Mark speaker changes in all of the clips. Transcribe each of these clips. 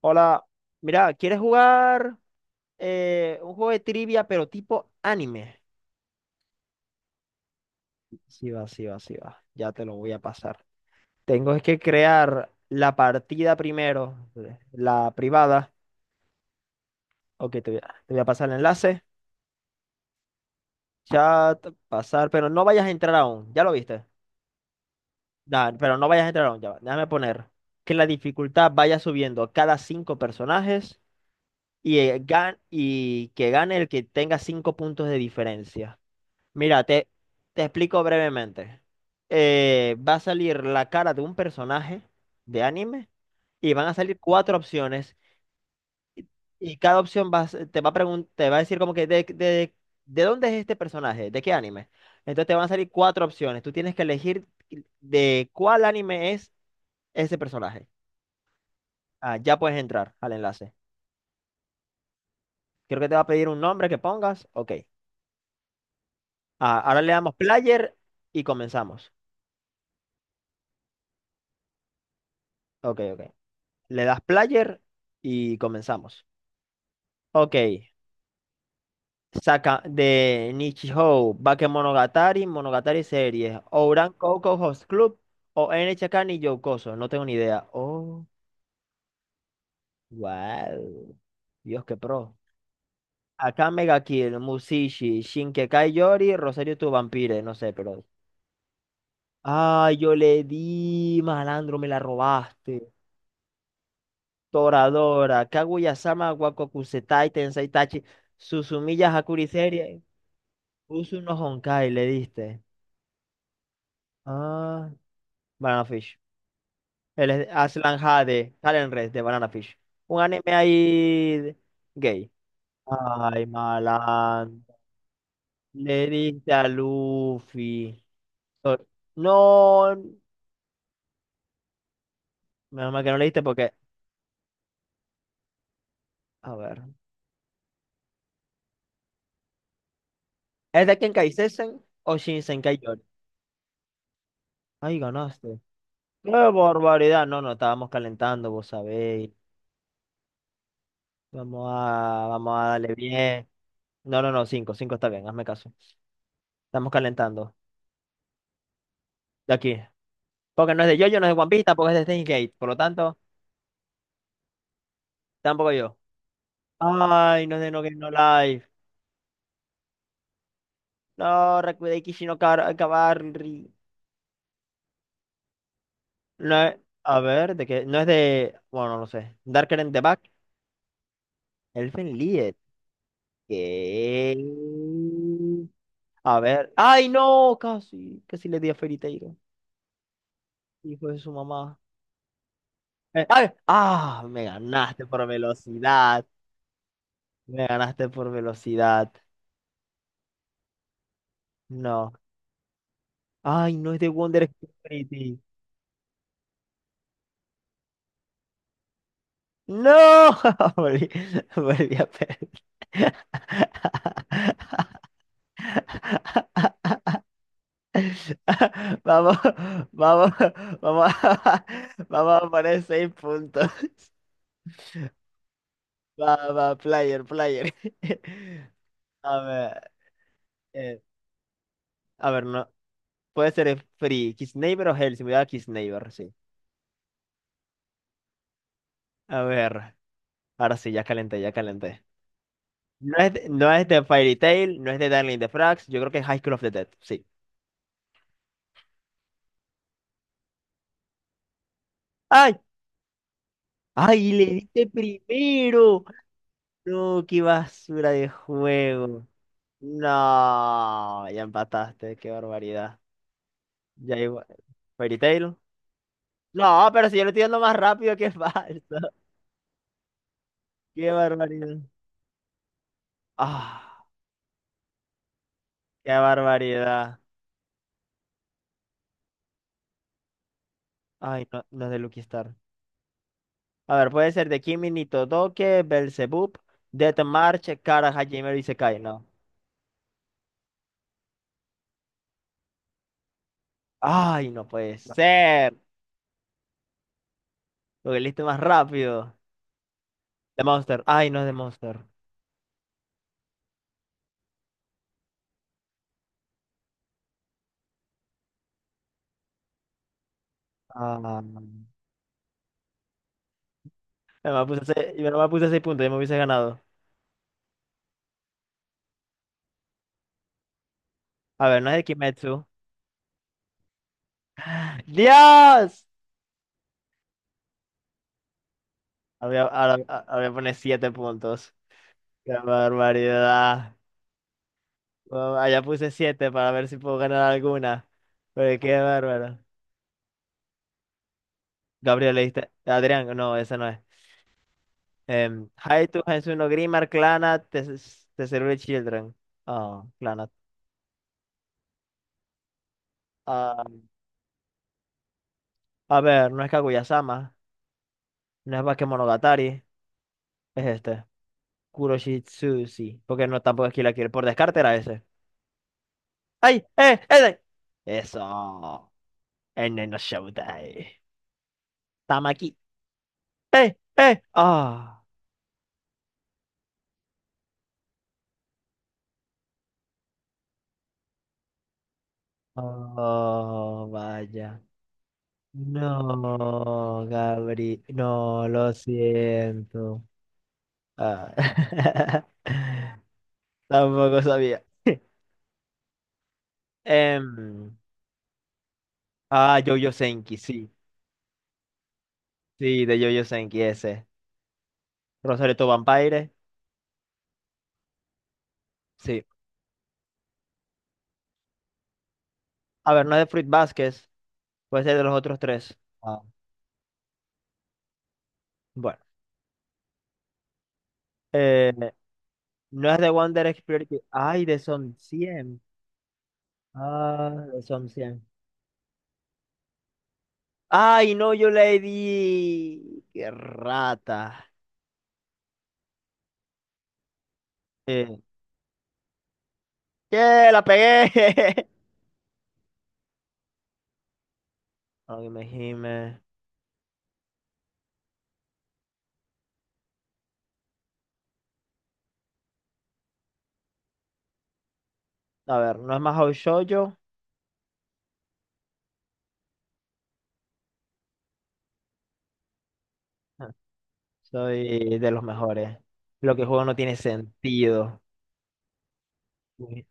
Speaker 1: Hola, mira, ¿quieres jugar un juego de trivia pero tipo anime? Sí va, sí va, sí va. Ya te lo voy a pasar. Tengo es que crear la partida primero, la privada. Ok, te voy a pasar el enlace. Chat, pasar, pero no vayas a entrar aún. ¿Ya lo viste? Nah, pero no vayas a entrar aún. Ya va. Déjame poner que la dificultad vaya subiendo a cada cinco personajes y, y que gane el que tenga cinco puntos de diferencia. Mira, te, te explico brevemente. Va a salir la cara de un personaje de anime y van a salir cuatro opciones y, y cada opción va a se- te va a pregun- te va a decir como que de dónde es este personaje, de qué anime. Entonces te van a salir cuatro opciones. Tú tienes que elegir de cuál anime es ese personaje. Ah, ya puedes entrar al enlace. Creo que te va a pedir un nombre que pongas. Ok. Ah, ahora le damos player y comenzamos. Ok, ok. Le das player y comenzamos. Ok. Saca de Nichijou, Bakemonogatari, Monogatari Series, Ouran Coco Host Club o NHK ni Yokoso. No tengo ni idea. Oh, wow. Dios, qué pro. Acá Mega Kill, Musashi, Shinkekai Yori, Rosario tu Vampire. No sé, pero. Ay, yo le di, malandro, me la robaste. Toradora, Kaguya-sama, Wakokusetai, Tensei Tachi, Suzumiya Hakuri Series. Puso unos Honkai, le diste. Ah, Banana Fish. Él es Aslan Jade, Talent Red de Banana Fish. Un anime ahí de gay. Ay, malandro. Le diste a Luffy. So- No, menos mal que no le diste porque. A ver. ¿Es de Kenkai Sesen o Shinsenkai Yori? Ay, ganaste. ¡Qué barbaridad! No, no, estábamos calentando, vos sabéis. Vamos a darle bien. No, no, no, cinco, cinco está bien, hazme caso. Estamos calentando. De aquí. Porque no es de JoJo, no es de One Piece, tampoco es de Steins Gate. Por lo tanto, tampoco yo. Ay, no es de No Game No Life. No, Rakudei Kishino Kabarri. No es- a ver, de qué. No es de. Bueno, no sé. Darker in the Back. Elfen Lied. ¿Qué? A ver. Ay, no, casi. Casi le di a Fairy Tail, hijo de su mamá. Me ganaste por velocidad. Me ganaste por velocidad. No. Ay, no es de Wonder Spirit. No, volví, volví a perder. Vamos, vamos, vamos, vamos a poner seis puntos. Va, va, player, player. A ver, eh, a ver, no, puede ser Free, Kiss Neighbor o Hell, si me da Kiss Neighbor, sí. A ver, ahora sí, ya calenté, ya calenté. No es de Fairy Tail, no es de Darling in the Franxx, yo creo que es High School of the Dead, sí. ¡Ay! ¡Ay! ¡Le diste primero! No, qué basura de juego. No, ya empataste, qué barbaridad. Ya igual. Fairy Tail. No, pero si yo lo estoy dando más rápido que falso. Qué barbaridad. Ah, qué barbaridad. Ay, no, no es de Lucky Star. A ver, puede ser de Kimi ni Todoke, Belzebub, Death March, Kara Hajime y Sekai, no. Ay, no puede ser. Lo que listo más rápido. The Monster. Ay, no es de Monster. Ah, yo me puse seis, yo me puse seis puntos, yo me hubiese ganado. A ver, no es de Kimetsu. ¡Dios! Ahora pone 7 puntos. ¡Qué barbaridad! Bueno, allá puse 7 para ver si puedo ganar alguna. Pero qué bárbaro. Gabriel, leíste. Adrián, no, esa no es. Haitu, Hensuno, Grimar, Clannad, Tesserure Children. Ah, Clannad. Ah, a ver, no es Kaguya-sama, no es Bakemonogatari, es este. Kuroshitsushi. Porque no tampoco es Kill la Kill. Por descarte era ese. ¡Ay! ¡Eh! ¡Eh! Eso. En no Shoutai. Tamaki. ¡Eh! ¡Eh! ¡Ah! Oh, vaya. No, Gabri. No, lo siento. Ah. Tampoco sabía. Em, Jojo Senki, sí. Sí, de Jojo Senki ese. Rosario to Vampire, sí. A ver, no es de Fruit Basket, puede ser de los otros tres. Ah. Bueno. Eh, no es de Wonder Experience. Ay, de Son 100. Ah, de Son 100. Ay, no, yo le di. Qué rata. Eh, ¡Che, la pegué! Ay, me gime. A ver, no es Mahou Shoujo. Ah, soy de los mejores. Lo que juego no tiene sentido. Uy.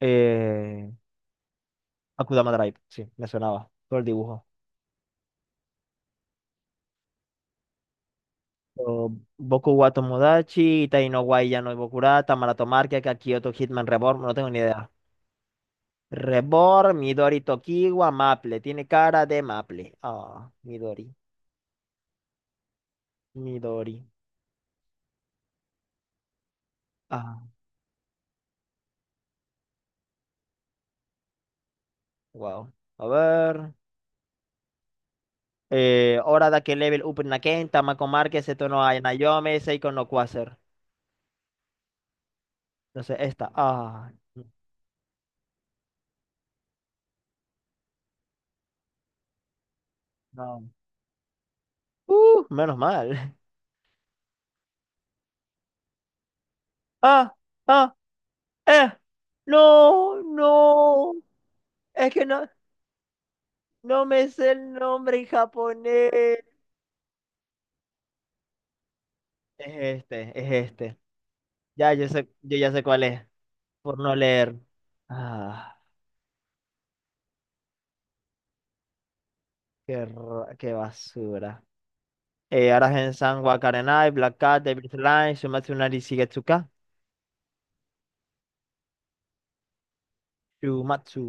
Speaker 1: Eh, Akudama Drive, sí, me sonaba. Todo el dibujo. O Boku wa Tomodachi, Itai no wa Yano Bokurata, Marato Market, Kakioto Hitman Reborn, no tengo ni idea. Reborn, Midori Tokiwa, Maple. Tiene cara de Maple. Ah, Midori. Midori. Ah, wow. A ver. Hora da que level up Naken, Tamako Márquez, Seto no hay Nayome, Seiko no Quasar. Entonces, esta. Ah, no. Menos mal. Ah, ah, eh. No, no. Es que no, no me sé el nombre en japonés. Es este. Ya, yo sé, yo ya sé cuál es. Por no leer. Ah, qué basura. Aragen-san wa Karenai, Black Cat, Devil's Line, Shumatsu no Shigetsuka, Shumatsu.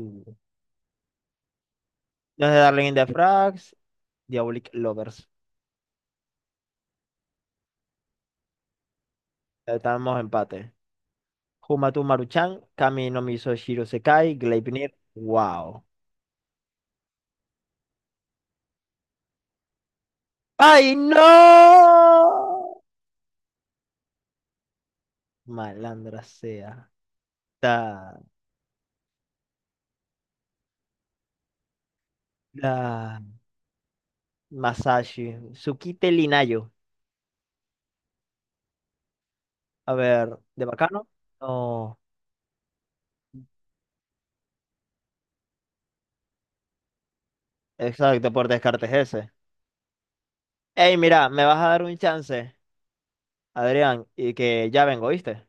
Speaker 1: Los de Darling in the Franxx, Diabolic Lovers. Estamos empate. Humatu Maruchan, Kami no Miso Shiro Sekai, Gleipnir. Wow. ¡Ay, no! Malandra sea. Da, da, Masashi. Tsukite Linayo. A ver, ¿de bacano? No. Exacto, por descartes ese. Ey, mira, ¿me vas a dar un chance? Adrián, y que ya vengo, ¿viste?